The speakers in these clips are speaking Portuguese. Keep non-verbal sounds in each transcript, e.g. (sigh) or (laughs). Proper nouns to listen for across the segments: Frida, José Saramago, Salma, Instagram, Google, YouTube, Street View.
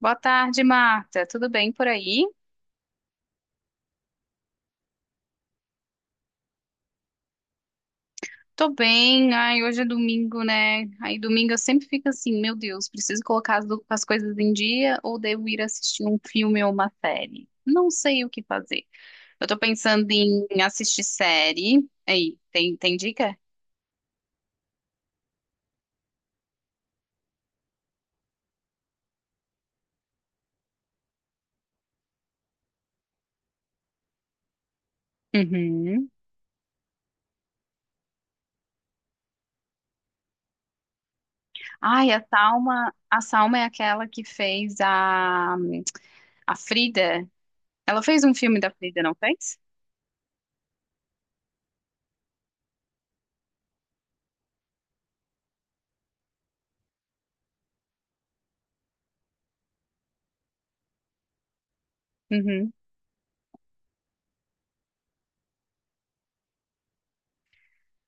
Boa tarde, Marta. Tudo bem por aí? Tô bem. Ai, hoje é domingo, né? Aí domingo eu sempre fico assim, meu Deus, preciso colocar as, as coisas em dia, ou devo ir assistir um filme ou uma série? Não sei o que fazer. Eu tô pensando em assistir série. Aí, tem dica? Uhum. Ai, a Salma é aquela que fez a Frida. Ela fez um filme da Frida, não fez? Uhum.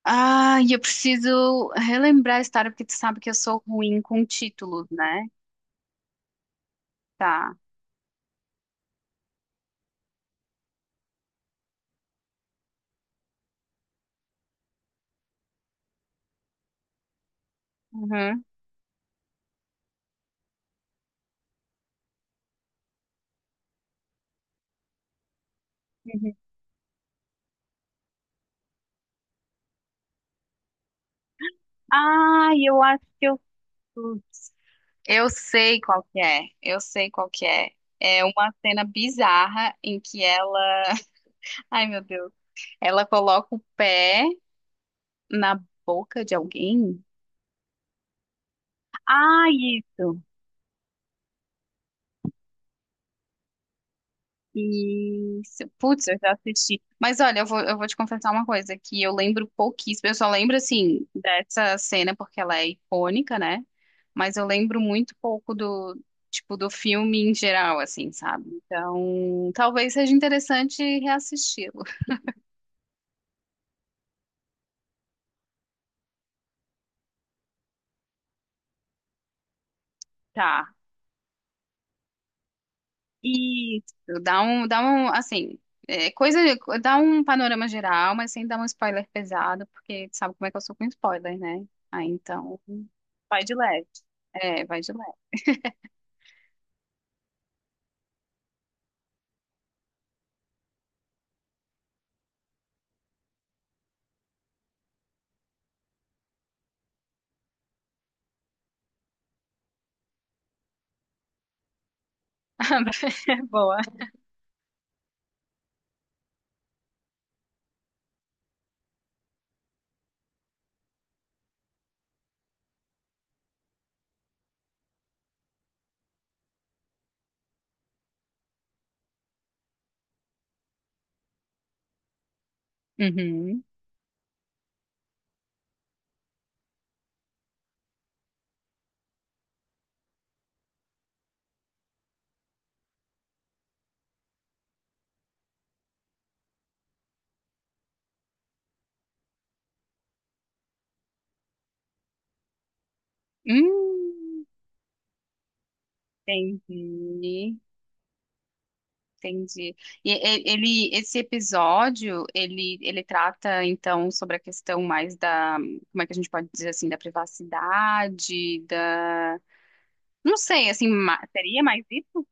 Ah, e eu preciso relembrar a história, porque tu sabe que eu sou ruim com títulos, né? Tá. Uhum, uhum. Ah, eu acho que eu. Putz, eu sei qual que é. Eu sei qual que é. É uma cena bizarra em que ela. (laughs) Ai, meu Deus. Ela coloca o pé na boca de alguém. Ah, isso. Isso. Putz, eu já assisti. Mas olha, eu vou te confessar uma coisa, que eu lembro pouquíssimo. Eu só lembro, assim, dessa cena porque ela é icônica, né? Mas eu lembro muito pouco do, tipo, do filme em geral, assim, sabe? Então, talvez seja interessante reassisti-lo. (laughs) Tá. Isso, dá um, assim, é, coisa, dá um panorama geral, mas sem dar um spoiler pesado, porque tu sabe como é que eu sou com spoiler, né? Aí então, vai de leve. É, vai de leve. (laughs) É boa. Uhum. Hum, entendi, entendi. Ele, esse episódio, ele trata, então, sobre a questão mais da, como é que a gente pode dizer assim, da privacidade, da, não sei, assim, seria mais isso?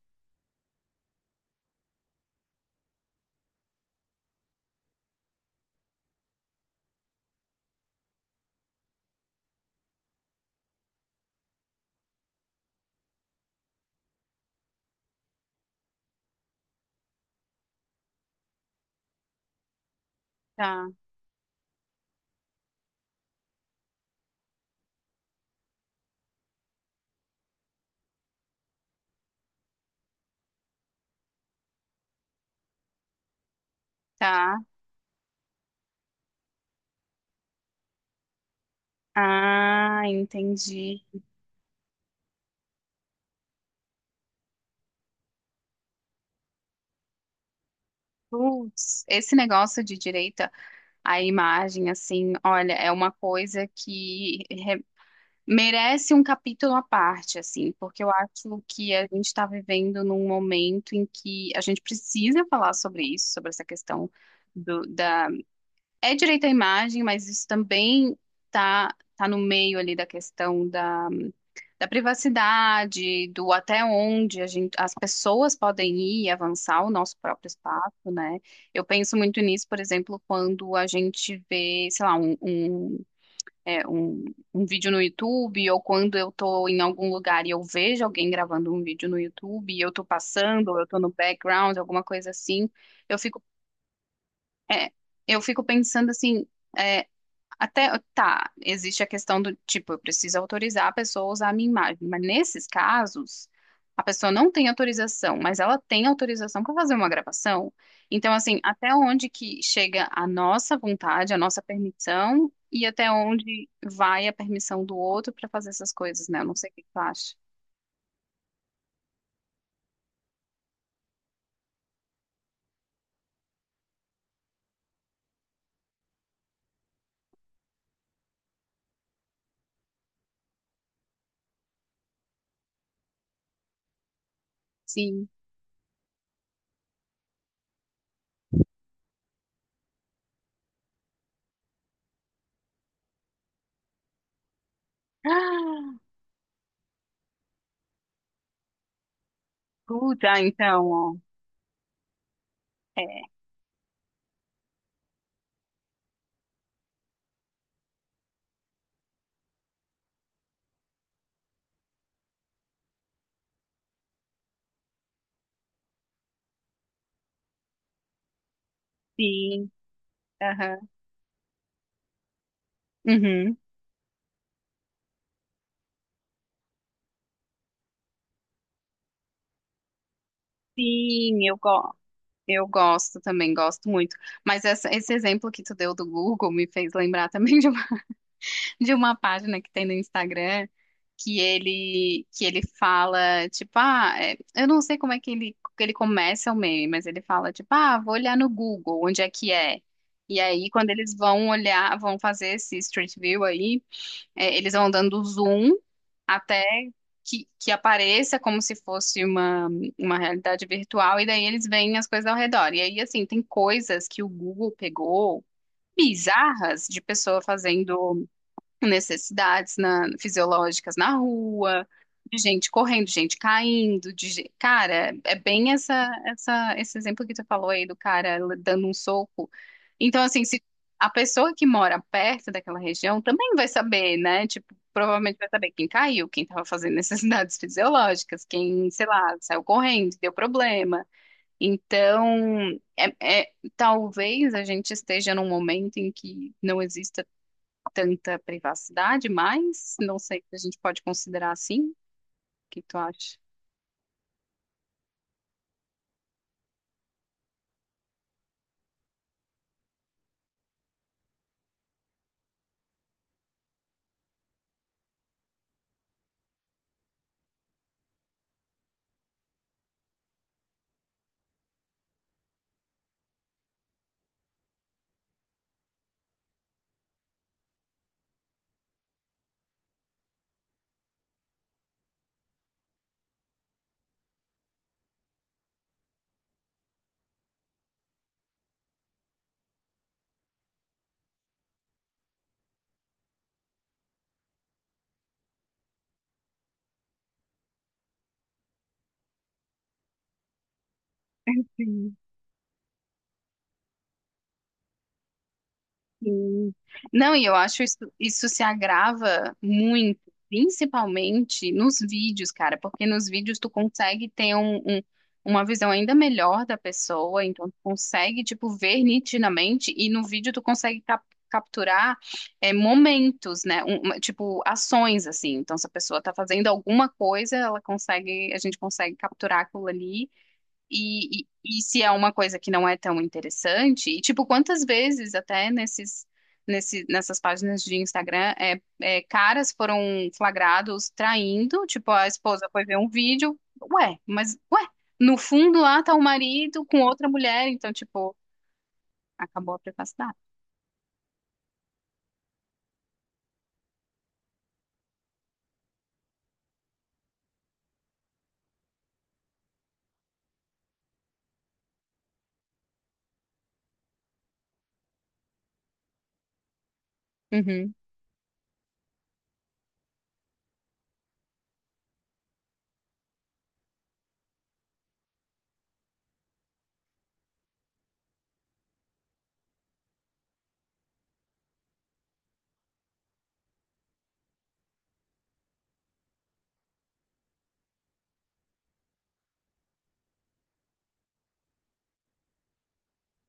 Tá, tá. Ah, entendi. Putz, esse negócio de direita à imagem, assim, olha, é uma coisa que re- merece um capítulo à parte, assim, porque eu acho que a gente está vivendo num momento em que a gente precisa falar sobre isso, sobre essa questão do, da. É direito à imagem, mas isso também tá no meio ali da questão da privacidade, do até onde a gente, as pessoas podem ir e avançar o nosso próprio espaço, né? Eu penso muito nisso, por exemplo, quando a gente vê, sei lá, é, um, um vídeo no YouTube, ou quando eu tô em algum lugar e eu vejo alguém gravando um vídeo no YouTube, e eu tô passando, ou eu tô no background, alguma coisa assim, eu fico, é, eu fico pensando assim. é, até, tá, existe a questão do tipo, eu preciso autorizar a pessoa a usar a minha imagem, mas nesses casos, a pessoa não tem autorização, mas ela tem autorização para fazer uma gravação. Então, assim, até onde que chega a nossa vontade, a nossa permissão, e até onde vai a permissão do outro para fazer essas coisas, né? Eu não sei o que que tu acha. Sim. Ah, puta, então, ó. É, sim. Aham. Uhum. Sim, eu gosto. Eu gosto também, gosto muito. Mas esse exemplo que tu deu do Google me fez lembrar (laughs) também de uma, (laughs) de uma página que tem no Instagram que ele fala, tipo, ah, é, eu não sei como é que ele começa o meme, mas ele fala, tipo, ah, vou olhar no Google, onde é que é? E aí, quando eles vão olhar, vão fazer esse Street View aí, é, eles vão dando zoom até que apareça como se fosse uma realidade virtual, e daí eles veem as coisas ao redor. E aí, assim, tem coisas que o Google pegou bizarras de pessoa fazendo fisiológicas na rua, de gente correndo, gente caindo, cara, é bem essa, essa, esse exemplo que tu falou aí do cara dando um soco. Então, assim, se a pessoa que mora perto daquela região também vai saber, né? Tipo, provavelmente vai saber quem caiu, quem estava fazendo necessidades (laughs) fisiológicas, quem, sei lá, saiu correndo, deu problema. Então, talvez a gente esteja num momento em que não exista tanta privacidade, mas não sei se a gente pode considerar assim. O que tu acha? Sim, sim. Não, e eu acho isso, isso se agrava muito, principalmente nos vídeos, cara, porque nos vídeos tu consegue ter uma visão ainda melhor da pessoa, então tu consegue, tipo, ver nitidamente, e no vídeo capturar, é, momentos, né? Tipo, ações, assim. Então, se a pessoa tá fazendo alguma coisa, ela consegue, a gente consegue capturar aquilo ali. E se é uma coisa que não é tão interessante, e tipo, quantas vezes até nessas páginas de Instagram, caras foram flagrados traindo, tipo, a esposa foi ver um vídeo, mas ué, no fundo lá tá o marido com outra mulher, então, tipo, acabou a privacidade. Uhum,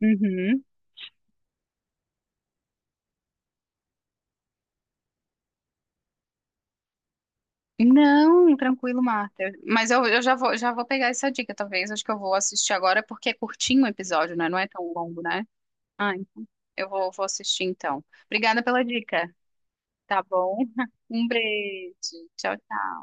uhum. Não, tranquilo, Marta. Mas eu já vou pegar essa dica, talvez. Acho que eu vou assistir agora, porque é curtinho o episódio, né? Não é tão longo, né? Ah, então. Eu vou assistir então. Obrigada pela dica. Tá bom? (laughs) Um beijo. Tchau, tchau.